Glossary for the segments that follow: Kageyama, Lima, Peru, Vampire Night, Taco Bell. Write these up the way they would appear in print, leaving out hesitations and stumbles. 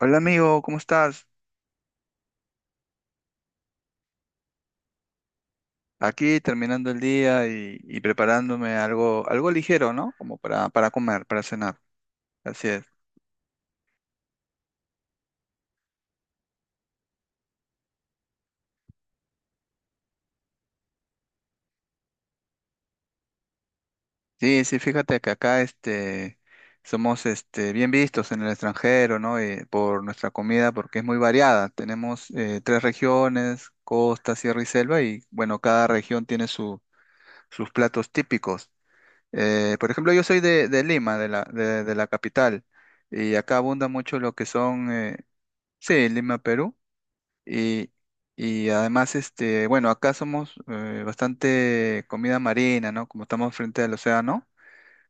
Hola amigo, ¿cómo estás? Aquí terminando el día y preparándome algo ligero, ¿no? Como para comer, para cenar. Así es. Sí, sí, fíjate que acá somos bien vistos en el extranjero, ¿no? Por nuestra comida, porque es muy variada. Tenemos tres regiones, costa, sierra y selva, y bueno, cada región tiene sus platos típicos. Por ejemplo, yo soy de Lima, de la capital, y acá abunda mucho lo que son, sí, Lima, Perú. Y, y además, bueno, acá somos bastante comida marina, ¿no? Como estamos frente al océano,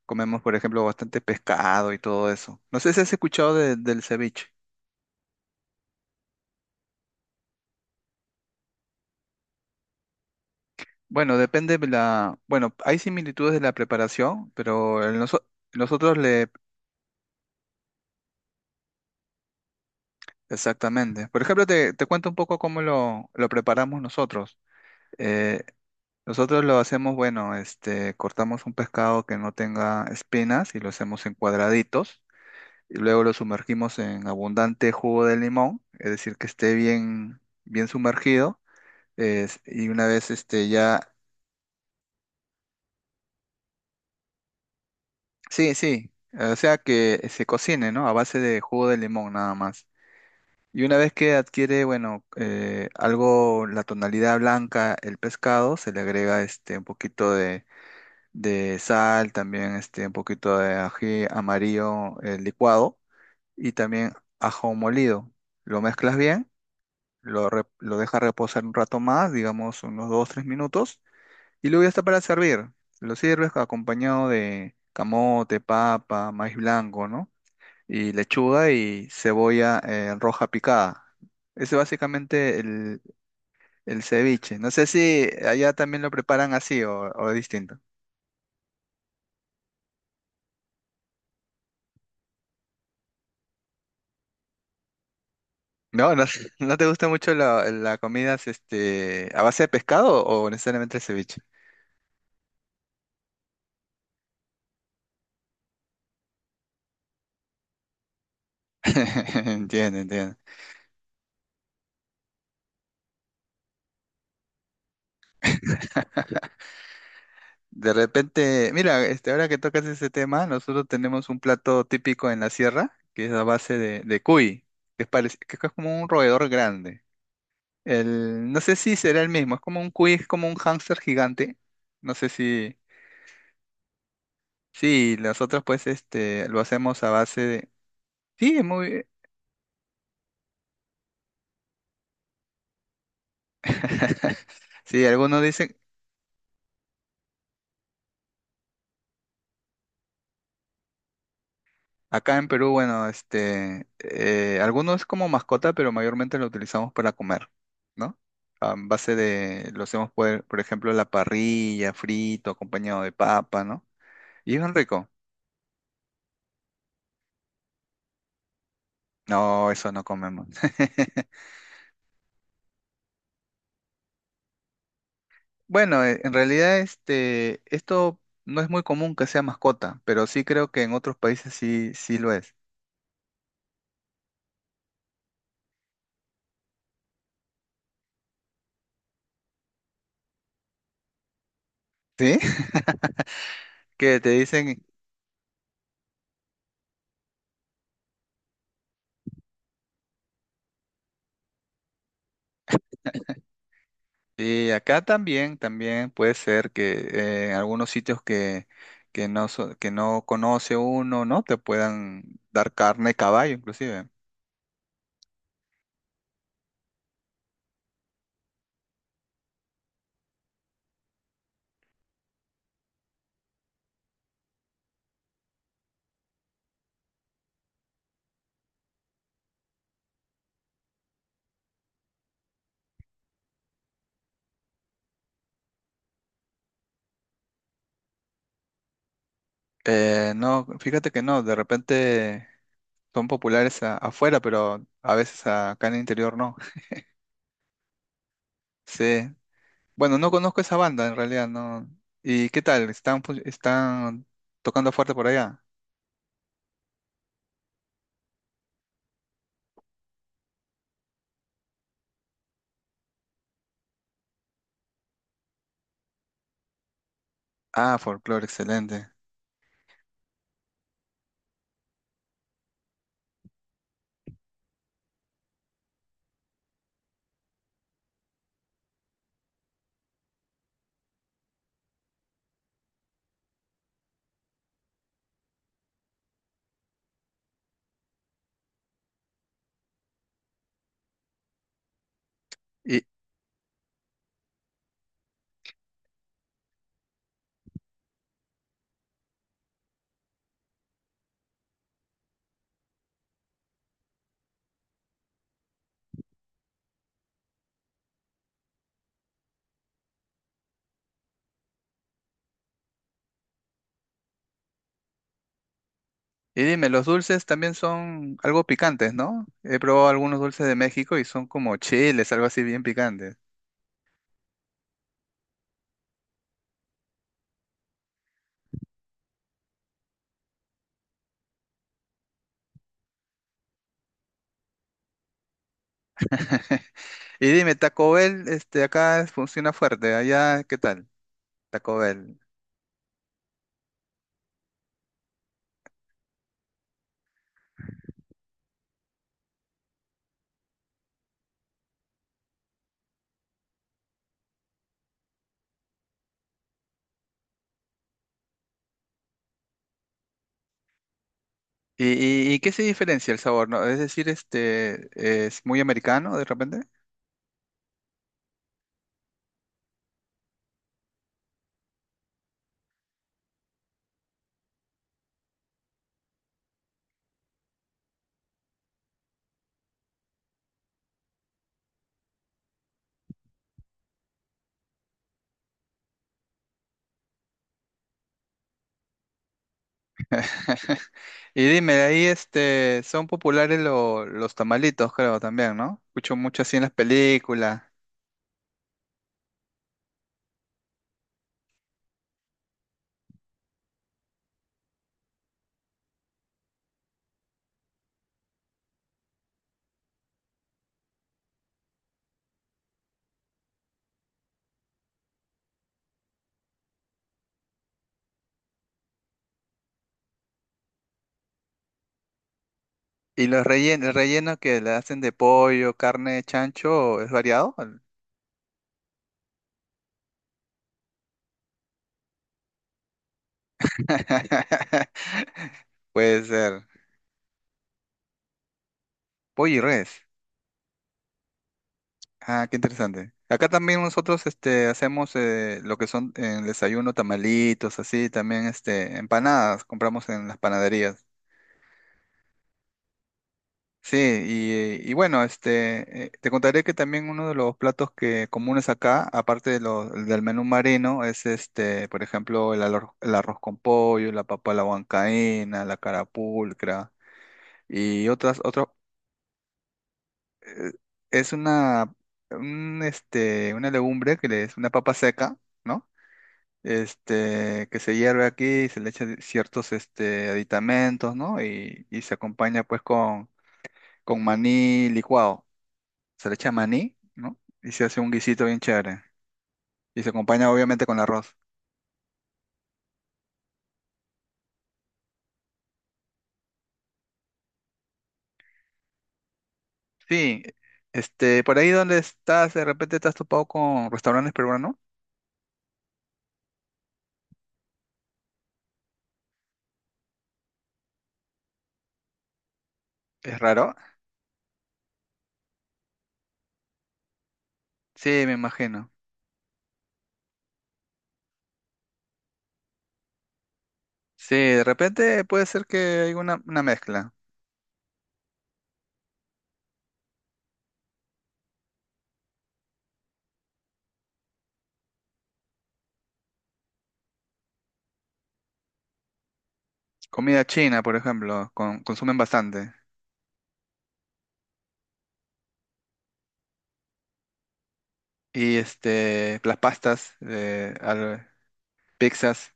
comemos, por ejemplo, bastante pescado y todo eso. No sé si has escuchado del ceviche. Bueno, depende de bueno, hay similitudes de la preparación, pero el nosotros le, exactamente. Por ejemplo, te cuento un poco cómo lo preparamos nosotros. Eh, Nosotros lo hacemos, bueno, cortamos un pescado que no tenga espinas y lo hacemos en cuadraditos y luego lo sumergimos en abundante jugo de limón, es decir, que esté bien sumergido, y una vez ya, sí, sí, o sea que se cocine, ¿no? A base de jugo de limón nada más. Y una vez que adquiere, bueno, algo, la tonalidad blanca, el pescado, se le agrega un poquito de sal, también un poquito de ají amarillo licuado y también ajo molido. Lo mezclas bien lo deja reposar un rato más, digamos unos dos tres minutos, y luego ya está para servir. Lo sirves acompañado de camote, papa, maíz blanco, ¿no? Y lechuga y cebolla roja picada. Ese es básicamente el ceviche. No sé si allá también lo preparan así o distinto. No, no, ¿no te gusta mucho la comida a base de pescado o necesariamente el ceviche? Entiendo, entiendo. De repente, mira, ahora que tocas ese tema, nosotros tenemos un plato típico en la sierra, que es a base de cuy, que es, que es como un roedor grande. El, no sé si será el mismo, es como un cuy, es como un hámster gigante. No sé si, sí, nosotros pues lo hacemos a base de... Sí, es muy... Sí, algunos dicen, acá en Perú, bueno, algunos como mascota, pero mayormente lo utilizamos para comer, ¿no? A base de, lo hacemos por ejemplo, la parrilla, frito, acompañado de papa, ¿no? Y es bien rico. No, eso no comemos. Bueno, en realidad, esto no es muy común que sea mascota, pero sí creo que en otros países sí, sí lo es. ¿Sí? Que te dicen sí, acá también, también puede ser que en algunos sitios que no, que no conoce uno, ¿no? Te puedan dar carne de caballo, inclusive. No, fíjate que no, de repente son populares afuera, pero a veces acá en el interior no. Sí. Bueno, no conozco esa banda en realidad, no. ¿Y qué tal? ¿Están, están tocando fuerte por allá? Ah, folclore, excelente. Y dime, los dulces también son algo picantes, ¿no? He probado algunos dulces de México y son como chiles, algo así bien picantes. Y dime, Taco Bell, acá funciona fuerte, allá, ¿qué tal? Taco Bell. ¿Y, y qué se diferencia el sabor, no? Es decir, es muy americano de repente. Y dime, ahí, son populares los tamalitos, creo, también, ¿no? Escucho mucho así en las películas. ¿Y los rellenos, el relleno que le hacen de pollo, carne, chancho, es variado? Puede ser. Pollo y res. Ah, qué interesante. Acá también nosotros hacemos lo que son en el desayuno, tamalitos, así, también empanadas, compramos en las panaderías. Sí, y bueno, te contaré que también uno de los platos que comunes acá, aparte de del menú marino, es por ejemplo, el arroz con pollo, la papa a la huancaína, la carapulcra y otros eh, es un, una legumbre es una papa seca, ¿no? Este, que se hierve aquí, se le echa ciertos, aditamentos, ¿no? Y se acompaña pues con maní licuado. Se le echa maní, ¿no? Y se hace un guisito bien chévere. Y se acompaña obviamente con arroz. Sí, por ahí donde estás, de repente te has topado con restaurantes peruanos, ¿no? Es raro. Sí, me imagino. Sí, de repente puede ser que hay una mezcla. Comida china, por ejemplo, consumen bastante. Y las pastas, pizzas.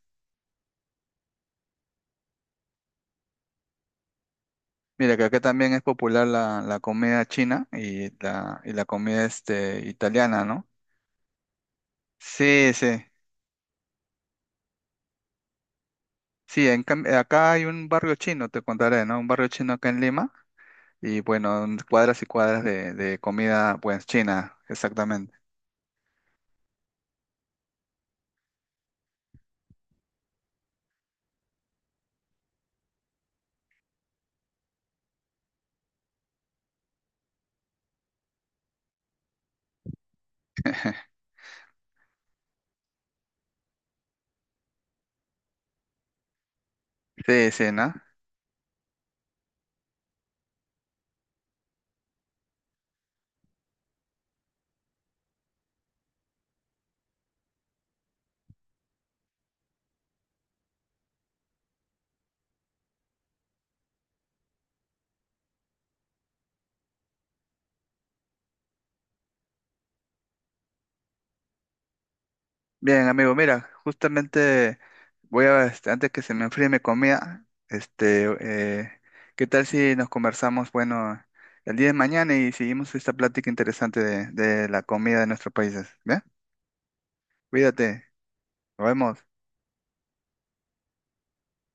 Mira, que acá también es popular la comida china y la comida italiana, ¿no? Sí, sí. Sí, en cambio, acá hay un barrio chino, te contaré, ¿no? Un barrio chino acá en Lima. Y bueno, cuadras y cuadras de comida, pues, china, exactamente. Sí, sí, ¿no? Bien, amigo, mira, justamente voy a, este, antes que se me enfríe mi comida, ¿qué tal si nos conversamos, bueno, el día de mañana y seguimos esta plática interesante de la comida de nuestros países? ¿Bien? Cuídate, nos vemos.